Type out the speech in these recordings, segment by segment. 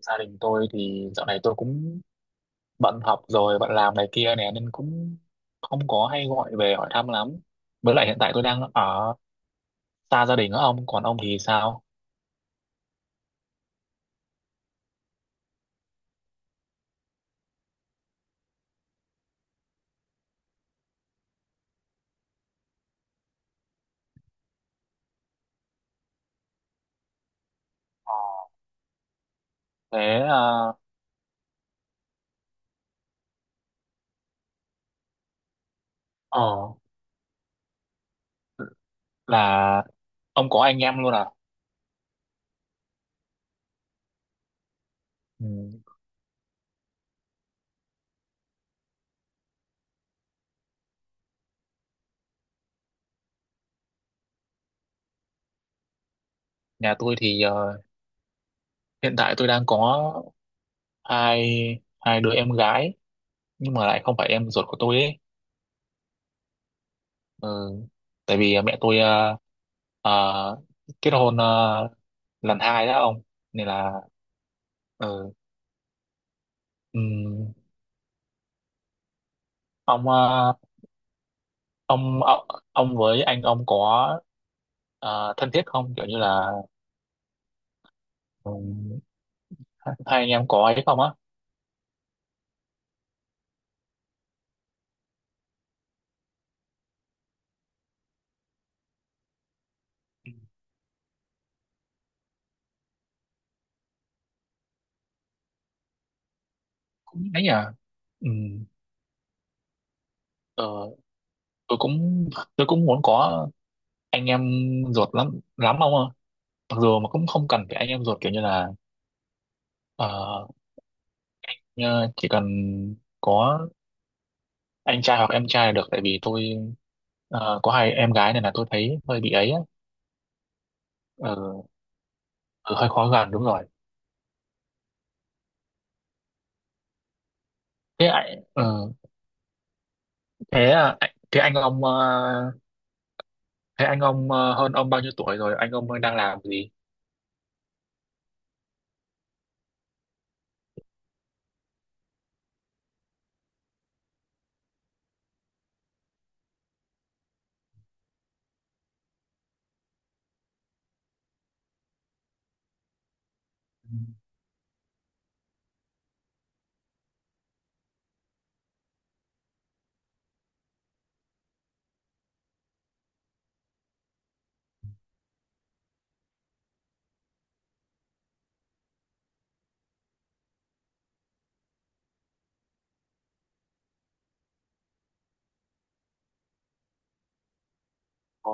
Gia đình tôi thì dạo này tôi cũng bận học rồi bận làm này kia nè nên cũng không có hay gọi về hỏi thăm lắm. Với lại hiện tại tôi đang ở xa gia đình á. Ông còn ông thì sao? Ờ, Thế à, ờ là ông có anh em luôn à? Ừ. Nhà tôi thì hiện tại tôi đang có hai hai đứa em gái, nhưng mà lại không phải em ruột của tôi ấy. Ừ. Tại vì mẹ tôi ờ, kết hôn lần hai đó ông, nên là... Ừ. Ừ. ông ờ, ông ông ông với anh ông có thân thiết không, kiểu như là, ừ, hai hai anh em có ấy không á? Cũng ấy nhỉ. Ừ. ờ, tôi cũng muốn có anh em ruột lắm lắm ông ạ. Mặc dù mà cũng không cần phải anh em ruột, kiểu như là ờ, như chỉ cần có anh trai hoặc em trai là được. Tại vì tôi có hai em gái này là tôi thấy hơi bị ấy á. Ờ, hơi khó gần, đúng rồi. Thế ạ. Thế à, thế anh ông hơn ông bao nhiêu tuổi rồi, anh ông đang làm gì? Ờ,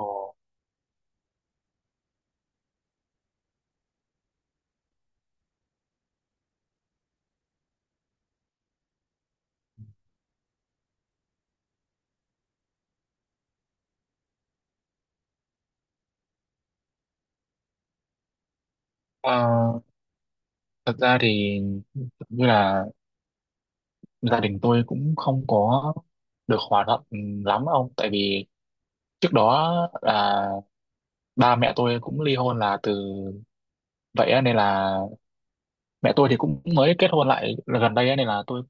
ờ, thật ra thì như là gia đình tôi cũng không có được hòa thuận lắm ông. Tại vì trước đó là ba mẹ tôi cũng ly hôn là từ vậy á, nên là mẹ tôi thì cũng mới kết hôn lại gần đây á, nên là tôi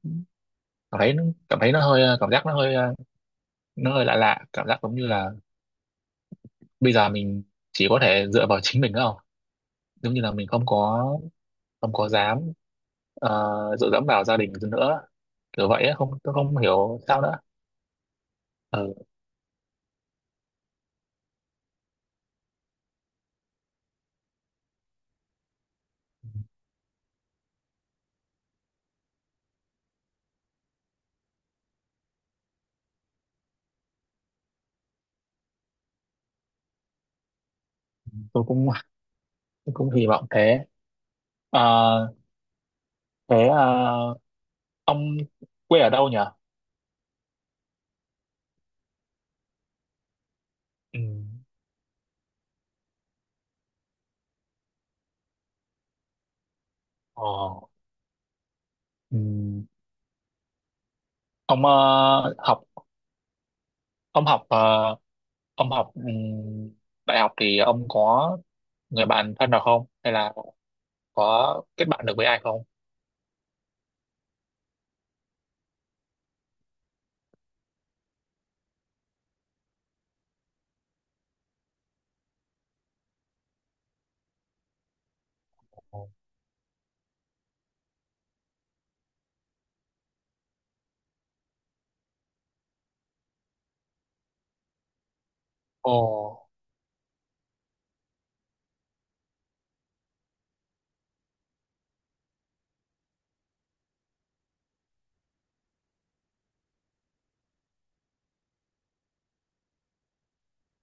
cảm thấy cảm thấy nó hơi, cảm giác nó hơi lạ lạ, cảm giác giống như là bây giờ mình chỉ có thể dựa vào chính mình thôi, không giống như là mình không có không có dám dựa dẫm vào gia đình nữa, kiểu vậy á, không tôi không hiểu sao nữa. Ừ, tôi cũng hy vọng thế. Ờ, Thế ông quê ở đâu nhỉ? Ừ. Ờ, ừ. Ông học ông học ờ, học đại học thì ông có người bạn thân nào không, hay là có kết bạn được với ai không? Ồ.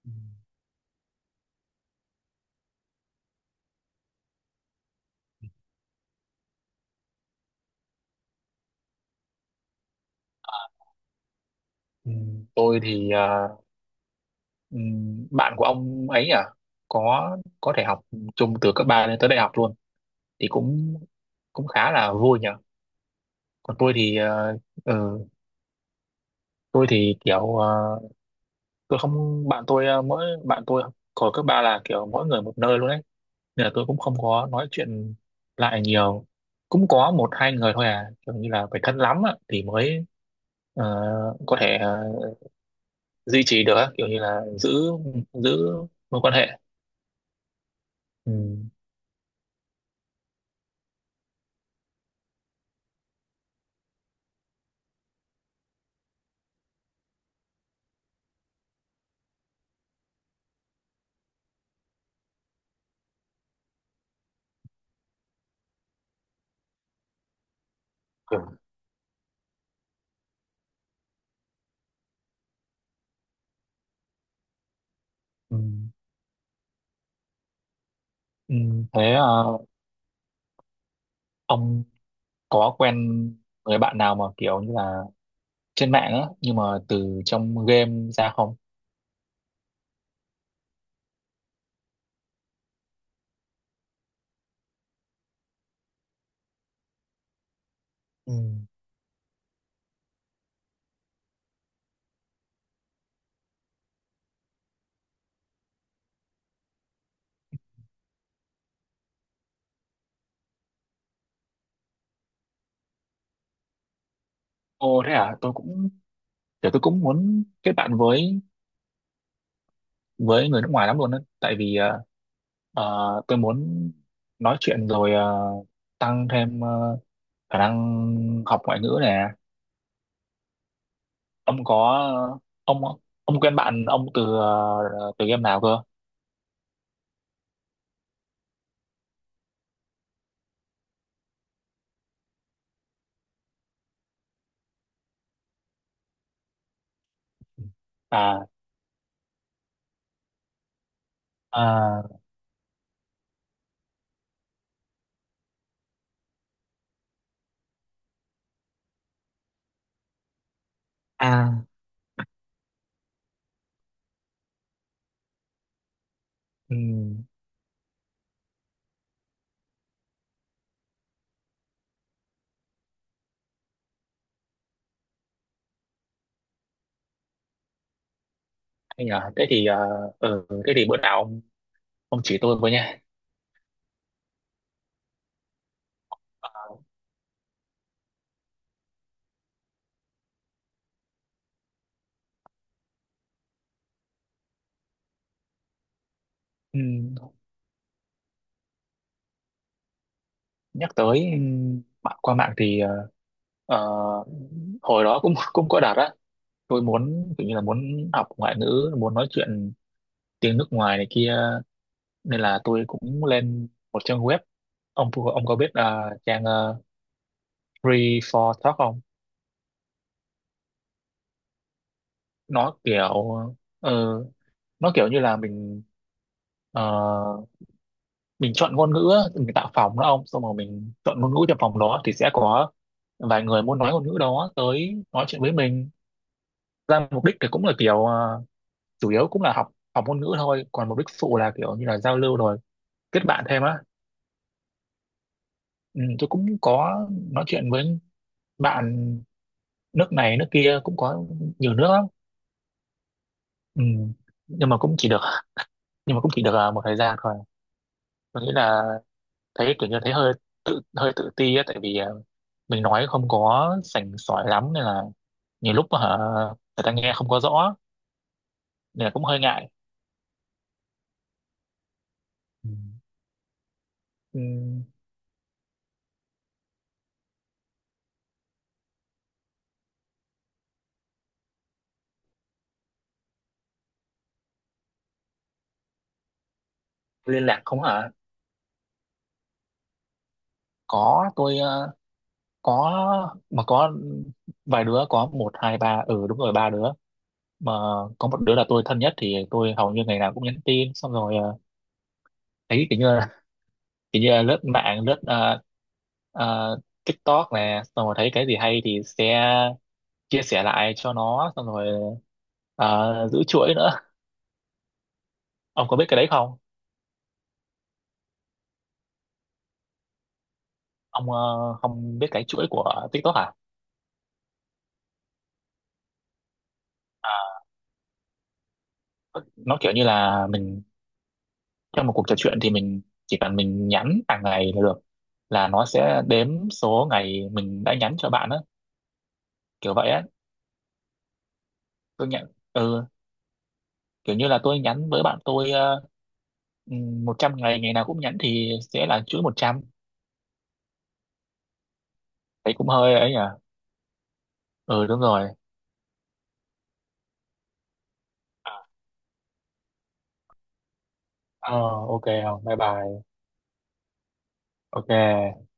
Ừ. Ờ, ừ, tôi thì bạn của ông ấy à, có có thể học chung từ cấp 3 lên tới đại học luôn, thì cũng cũng khá là vui nhở. Còn tôi thì ừ, tôi thì kiểu ờ, tôi không bạn tôi ờ, mỗi bạn tôi hồi cấp 3 là kiểu mỗi người một nơi luôn đấy, nên là tôi cũng không có nói chuyện lại nhiều. Cũng có một hai người thôi à, kiểu như là phải thân lắm á, thì mới ờ, có thể duy trì được á, kiểu như là giữ giữ mối quan hệ. Ừ. Kiểu- ừ. Ừ, thế ông có quen người bạn nào mà kiểu như là trên mạng á, nhưng mà từ trong game ra không? Ừ. Ồ, thế à, tôi cũng kiểu tôi cũng muốn kết bạn với người nước ngoài lắm luôn á, tại vì tôi muốn nói chuyện rồi tăng thêm khả năng học ngoại ngữ nè. Ông có ông ông quen bạn ông từ từ game nào cơ? À. À, à. Ừ. Anh à, thế thì thế thì bữa nào ông chỉ tôi với nha. Ừm, nhắc tới mạng, qua mạng thì ờ, hồi đó cũng cũng có đạt á, tôi muốn tự như là muốn học ngoại ngữ muốn nói chuyện tiếng nước ngoài này kia, nên là tôi cũng lên một trang web. Ông có biết trang Free for Talk không? nó kiểu ờ, nó kiểu như là ờ, mình chọn ngôn ngữ á, mình tạo phòng đó ông, xong rồi mình chọn ngôn ngữ cho phòng đó thì sẽ có vài người muốn nói ngôn ngữ đó tới nói chuyện với mình. Ra mục đích thì cũng là kiểu chủ yếu cũng là học học ngôn ngữ thôi, còn mục đích phụ là kiểu như là giao lưu rồi kết bạn thêm á. Ừ, tôi cũng có nói chuyện với bạn nước này nước kia, cũng có nhiều nước lắm. Ừ. nhưng mà cũng chỉ được nhưng mà cũng chỉ được một thời gian thôi. Tôi nghĩ là thấy kiểu như thấy hơi tự ti á, tại vì mình nói không có sành sỏi lắm, nên là nhiều lúc hả người ta nghe không có rõ, nên là cũng hơi ngại. Ừ. Ừm, liên lạc không hả? Có, tôi có mà, có vài đứa, có một hai ba, ừ đúng rồi, ba đứa. Mà có một đứa là tôi thân nhất thì tôi hầu như ngày nào cũng nhắn tin, xong rồi thấy kiểu như là lướt mạng, lướt ờ, TikTok nè, xong rồi thấy cái gì hay thì sẽ chia sẻ lại cho nó, xong rồi giữ chuỗi nữa. Ông có biết cái đấy không? Ông không biết cái chuỗi của TikTok à? À, nó kiểu như là mình trong một cuộc trò chuyện thì mình chỉ cần mình nhắn hàng ngày là được, là nó sẽ đếm số ngày mình đã nhắn cho bạn á. Kiểu vậy á. Tôi nhận Ừ, kiểu như là tôi nhắn với bạn tôi uh, 100 ngày, ngày nào cũng nhắn thì sẽ là chuỗi 100. Thấy cũng hơi ấy nhỉ. Ừ đúng rồi. Ờ, ok không, bye bye, ok.